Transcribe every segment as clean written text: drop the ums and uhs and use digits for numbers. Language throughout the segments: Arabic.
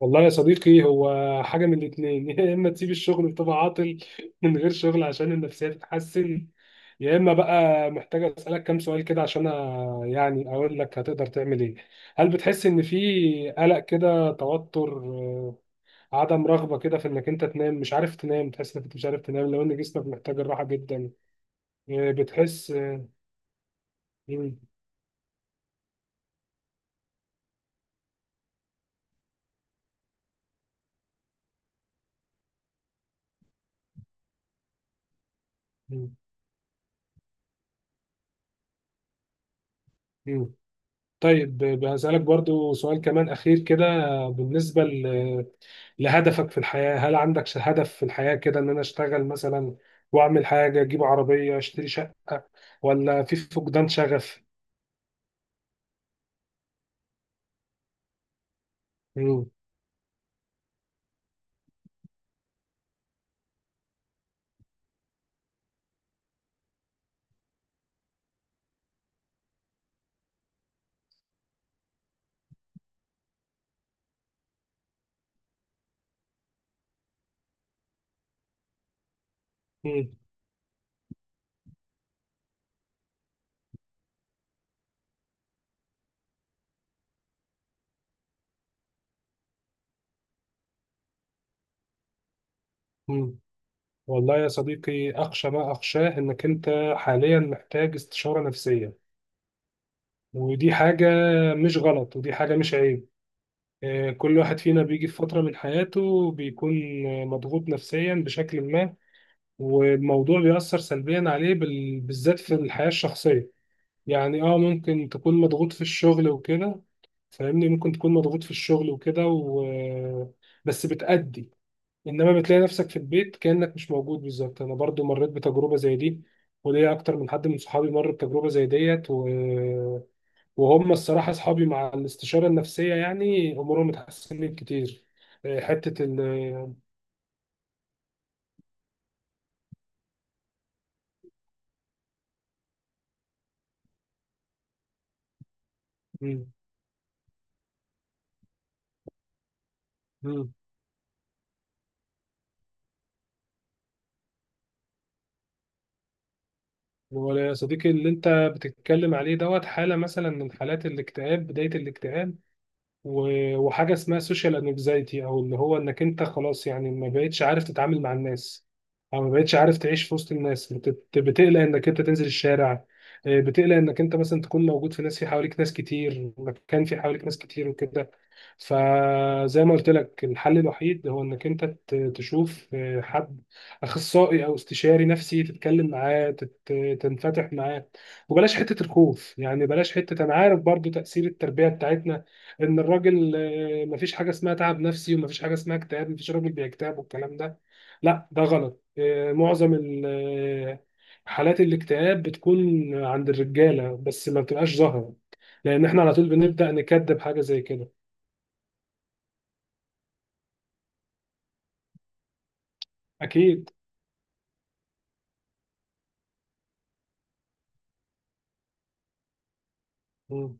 والله يا صديقي، هو حاجة من الاتنين يا إما تسيب الشغل وتبقى عاطل من غير شغل عشان النفسية تتحسن، يا إما بقى محتاج أسألك كام سؤال كده عشان أقول لك هتقدر تعمل إيه. هل بتحس إن في قلق كده، توتر، عدم رغبة كده في إنك أنت تنام؟ مش عارف تنام، تحس إنك مش عارف تنام لو إن جسمك محتاج الراحة جدا؟ آه، بتحس. آه. مم. مم. مم. طيب هسألك برضو سؤال كمان أخير كده. بالنسبة لهدفك في الحياة، هل عندك هدف في الحياة كده؟ إن أنا أشتغل مثلا وأعمل حاجة، أجيب عربية، أشتري شقة، ولا في فقدان شغف؟ مم. مم. مم. والله يا صديقي، أخشى ما أخشاه إنك أنت حاليا محتاج استشارة نفسية، ودي حاجة مش غلط، ودي حاجة مش عيب. آه، كل واحد فينا بيجي في فترة من حياته بيكون مضغوط نفسيا بشكل ما، والموضوع بيأثر سلبيا عليه بالذات في الحياة الشخصية. يعني ممكن تكون مضغوط في الشغل وكده، فاهمني، ممكن تكون مضغوط في الشغل وكده بس بتأدي، انما بتلاقي نفسك في البيت كأنك مش موجود بالظبط. انا برضو مريت بتجربة زي دي، وليا اكتر من حد من صحابي مر بتجربة زي ديت وهم الصراحة اصحابي مع الاستشارة النفسية يعني امورهم اتحسنت كتير. آه، حتة ال. هو يا صديقي اللي انت بتتكلم عليه دوت حالة مثلا من حالات الاكتئاب، بداية الاكتئاب، وحاجه اسمها سوشيال انكزايتي، او اللي هو انك انت خلاص يعني ما بقتش عارف تتعامل مع الناس، او ما بقتش عارف تعيش في وسط الناس، بتقلق انك انت تنزل الشارع، بتقلق انك انت مثلا تكون موجود في ناس، في حواليك ناس كتير، مكان في حواليك ناس كتير وكده. فزي ما قلت لك، الحل الوحيد هو انك انت تشوف حد اخصائي او استشاري نفسي، تتكلم معاه، تنفتح معاه. وبلاش حته الخوف، يعني بلاش حته، انا عارف برضو تاثير التربيه بتاعتنا، ان الراجل مفيش حاجه اسمها تعب نفسي، ومفيش حاجه اسمها اكتئاب، مفيش راجل بيكتئب والكلام ده. لا، ده غلط. آه، معظم حالات الاكتئاب بتكون عند الرجاله، بس ما بتبقاش ظاهره، لان احنا على طول بنبدا نكذب حاجه زي كده. اكيد. مم.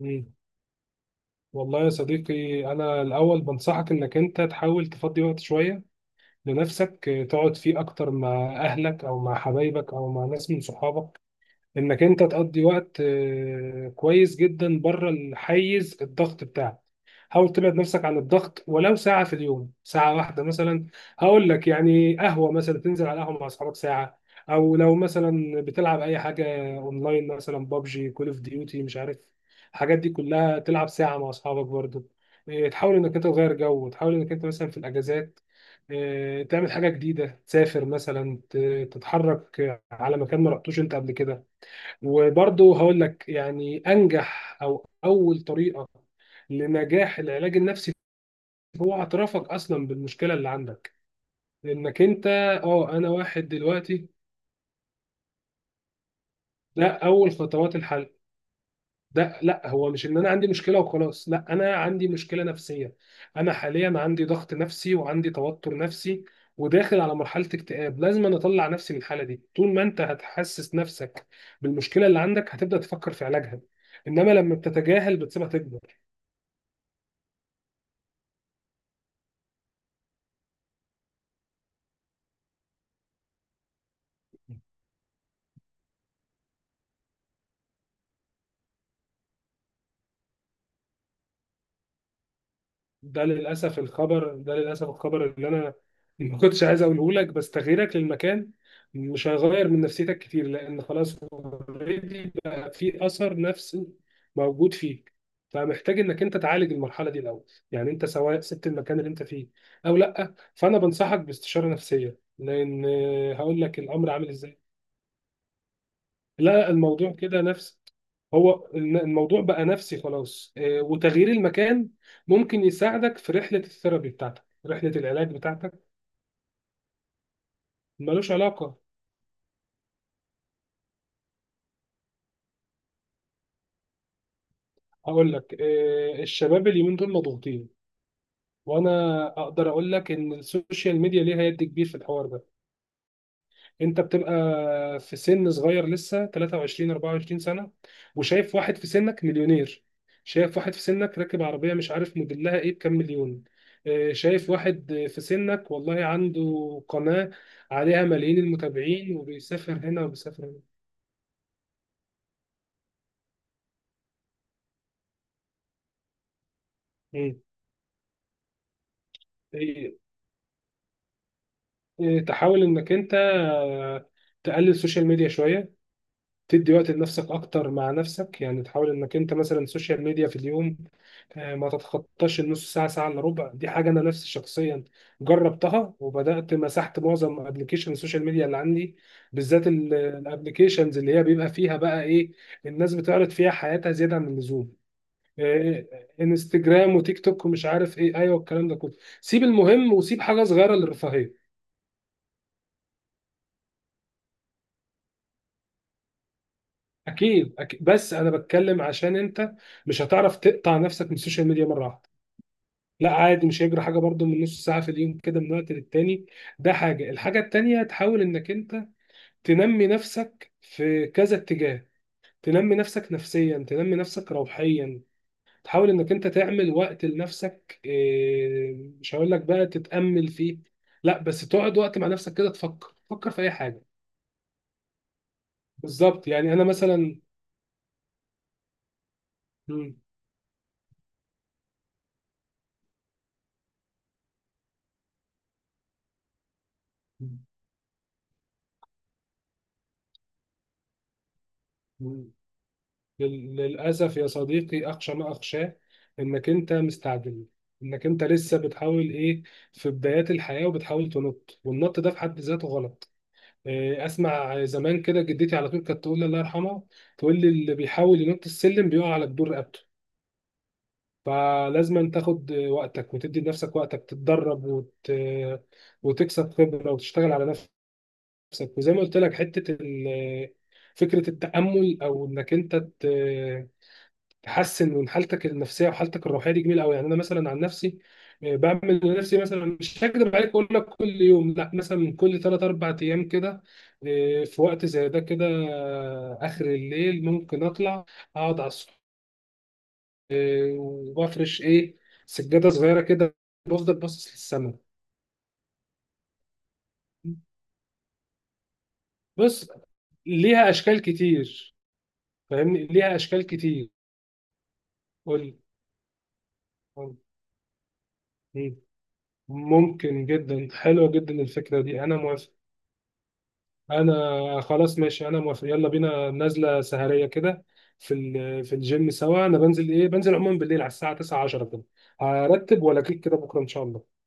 مم. والله يا صديقي، انا الاول بنصحك انك انت تحاول تفضي وقت شويه لنفسك، تقعد فيه اكتر مع اهلك او مع حبايبك او مع ناس من صحابك، انك انت تقضي وقت كويس جدا بره الحيز الضغط بتاعك. حاول تبعد نفسك عن الضغط ولو ساعة في اليوم، ساعة واحدة مثلا. هقول لك، يعني قهوة مثلا، تنزل على قهوة مع أصحابك ساعة. أو لو مثلا بتلعب أي حاجة أونلاين، مثلا بابجي، كول أوف ديوتي، مش عارف، الحاجات دي كلها، تلعب ساعة مع أصحابك برضو. تحاول إنك أنت تغير جو، تحاول إنك أنت مثلا في الأجازات تعمل حاجة جديدة، تسافر مثلا، تتحرك على مكان ما رحتوش أنت قبل كده. وبرضه هقول لك، يعني انجح او اول طريقه لنجاح العلاج النفسي، هو اعترافك اصلا بالمشكله اللي عندك، انك انت اه انا واحد دلوقتي، ده اول خطوات الحل. ده لا، هو مش ان انا عندي مشكله وخلاص، لا، انا عندي مشكله نفسيه، انا حاليا عندي ضغط نفسي وعندي توتر نفسي وداخل على مرحله اكتئاب، لازم أنا اطلع نفسي من الحاله دي. طول ما انت هتحسس نفسك بالمشكله اللي عندك، هتبدا تفكر في علاجها، انما لما بتتجاهل بتسيبها تكبر. ده للاسف الخبر، ده للاسف الخبر اللي انا ما كنتش عايز اقوله لك، بس تغييرك للمكان مش هيغير من نفسيتك كتير، لان خلاص اوريدي بقى في اثر نفسي موجود فيك، فمحتاج انك انت تعالج المرحله دي الاول. يعني انت سواء سبت المكان اللي انت فيه او لا، فانا بنصحك باستشاره نفسيه، لان هقول لك الامر عامل ازاي. لا، الموضوع كده نفس، هو الموضوع بقى نفسي خلاص، وتغيير المكان ممكن يساعدك في رحلة الثيرابي بتاعتك، رحلة العلاج بتاعتك، ملوش علاقة. هقول لك، الشباب اليومين دول مضغوطين، وانا اقدر اقول لك ان السوشيال ميديا ليها يد كبير في الحوار ده. انت بتبقى في سن صغير لسه، 23 24 سنه، وشايف واحد في سنك مليونير، شايف واحد في سنك راكب عربيه مش عارف موديلها ايه بكام مليون، شايف واحد في سنك والله عنده قناه عليها ملايين المتابعين، وبيسافر هنا وبيسافر هنا. مم. إيه- إيه، تحاول انك انت تقلل السوشيال ميديا شويه، تدي وقت لنفسك اكتر مع نفسك. يعني تحاول انك انت مثلا سوشيال ميديا في اليوم ما تتخطاش النص ساعه، ساعه الا ربع. دي حاجه انا نفسي شخصيا جربتها، وبدات مسحت معظم ابلكيشن السوشيال ميديا اللي عندي، بالذات الابلكيشنز اللي هي بيبقى فيها بقى ايه، الناس بتعرض فيها حياتها زياده عن اللزوم، آه، انستجرام وتيك توك ومش عارف ايه، ايوه الكلام ده كله. سيب المهم، وسيب حاجه صغيره للرفاهيه. اكيد أكيد. بس انا بتكلم عشان انت مش هتعرف تقطع نفسك من السوشيال ميديا مره واحده. لا عادي، مش هيجري حاجه برضو من نص ساعه في اليوم كده من وقت للتاني، ده حاجه. الحاجه التانيه، تحاول انك انت تنمي نفسك في كذا اتجاه، تنمي نفسك نفسيا، تنمي نفسك روحيا. تحاول انك انت تعمل وقت لنفسك، مش هقول لك بقى تتامل فيه، لا، بس تقعد وقت مع نفسك كده، تفكر، تفكر في اي حاجه، بالظبط. يعني انا مثلا. مم. للأسف يا صديقي، أخشى ما أخشاه إنك أنت مستعجل، إنك أنت لسه بتحاول في بدايات الحياة وبتحاول تنط، والنط ده في حد ذاته غلط. أسمع زمان كده، جدتي على طول كانت تقول لي، الله يرحمها، تقول لي: اللي بيحاول ينط السلم بيقع على جدور رقبته. فلازم تاخد وقتك، وتدي لنفسك وقتك، تتدرب وتكسب خبرة وتشتغل على نفسك. وزي ما قلت لك، حتة فكرة التأمل، أو إنك أنت تحسن من حالتك النفسيه وحالتك الروحيه، دي جميله قوي. يعني انا مثلا عن نفسي، بعمل لنفسي مثلا، مش هكذب عليك اقول لك كل يوم، لا، مثلا من كل ثلاث اربع ايام كده، في وقت زي ده كده، اخر الليل، ممكن اطلع اقعد على السطح، وافرش ايه، سجاده صغيره كده، بفضل باصص للسماء. بص، ليها اشكال كتير، فاهمني، ليها اشكال كتير. قول. قول. مم. ممكن جدا، حلوه جدا الفكره دي، انا موافق. انا خلاص ماشي، انا موافق، يلا بينا نازله سهريه كده في في الجيم سوا. انا بنزل بنزل عموما بالليل على الساعه 9 10 كده، هرتب ولا كده بكره ان شاء الله؟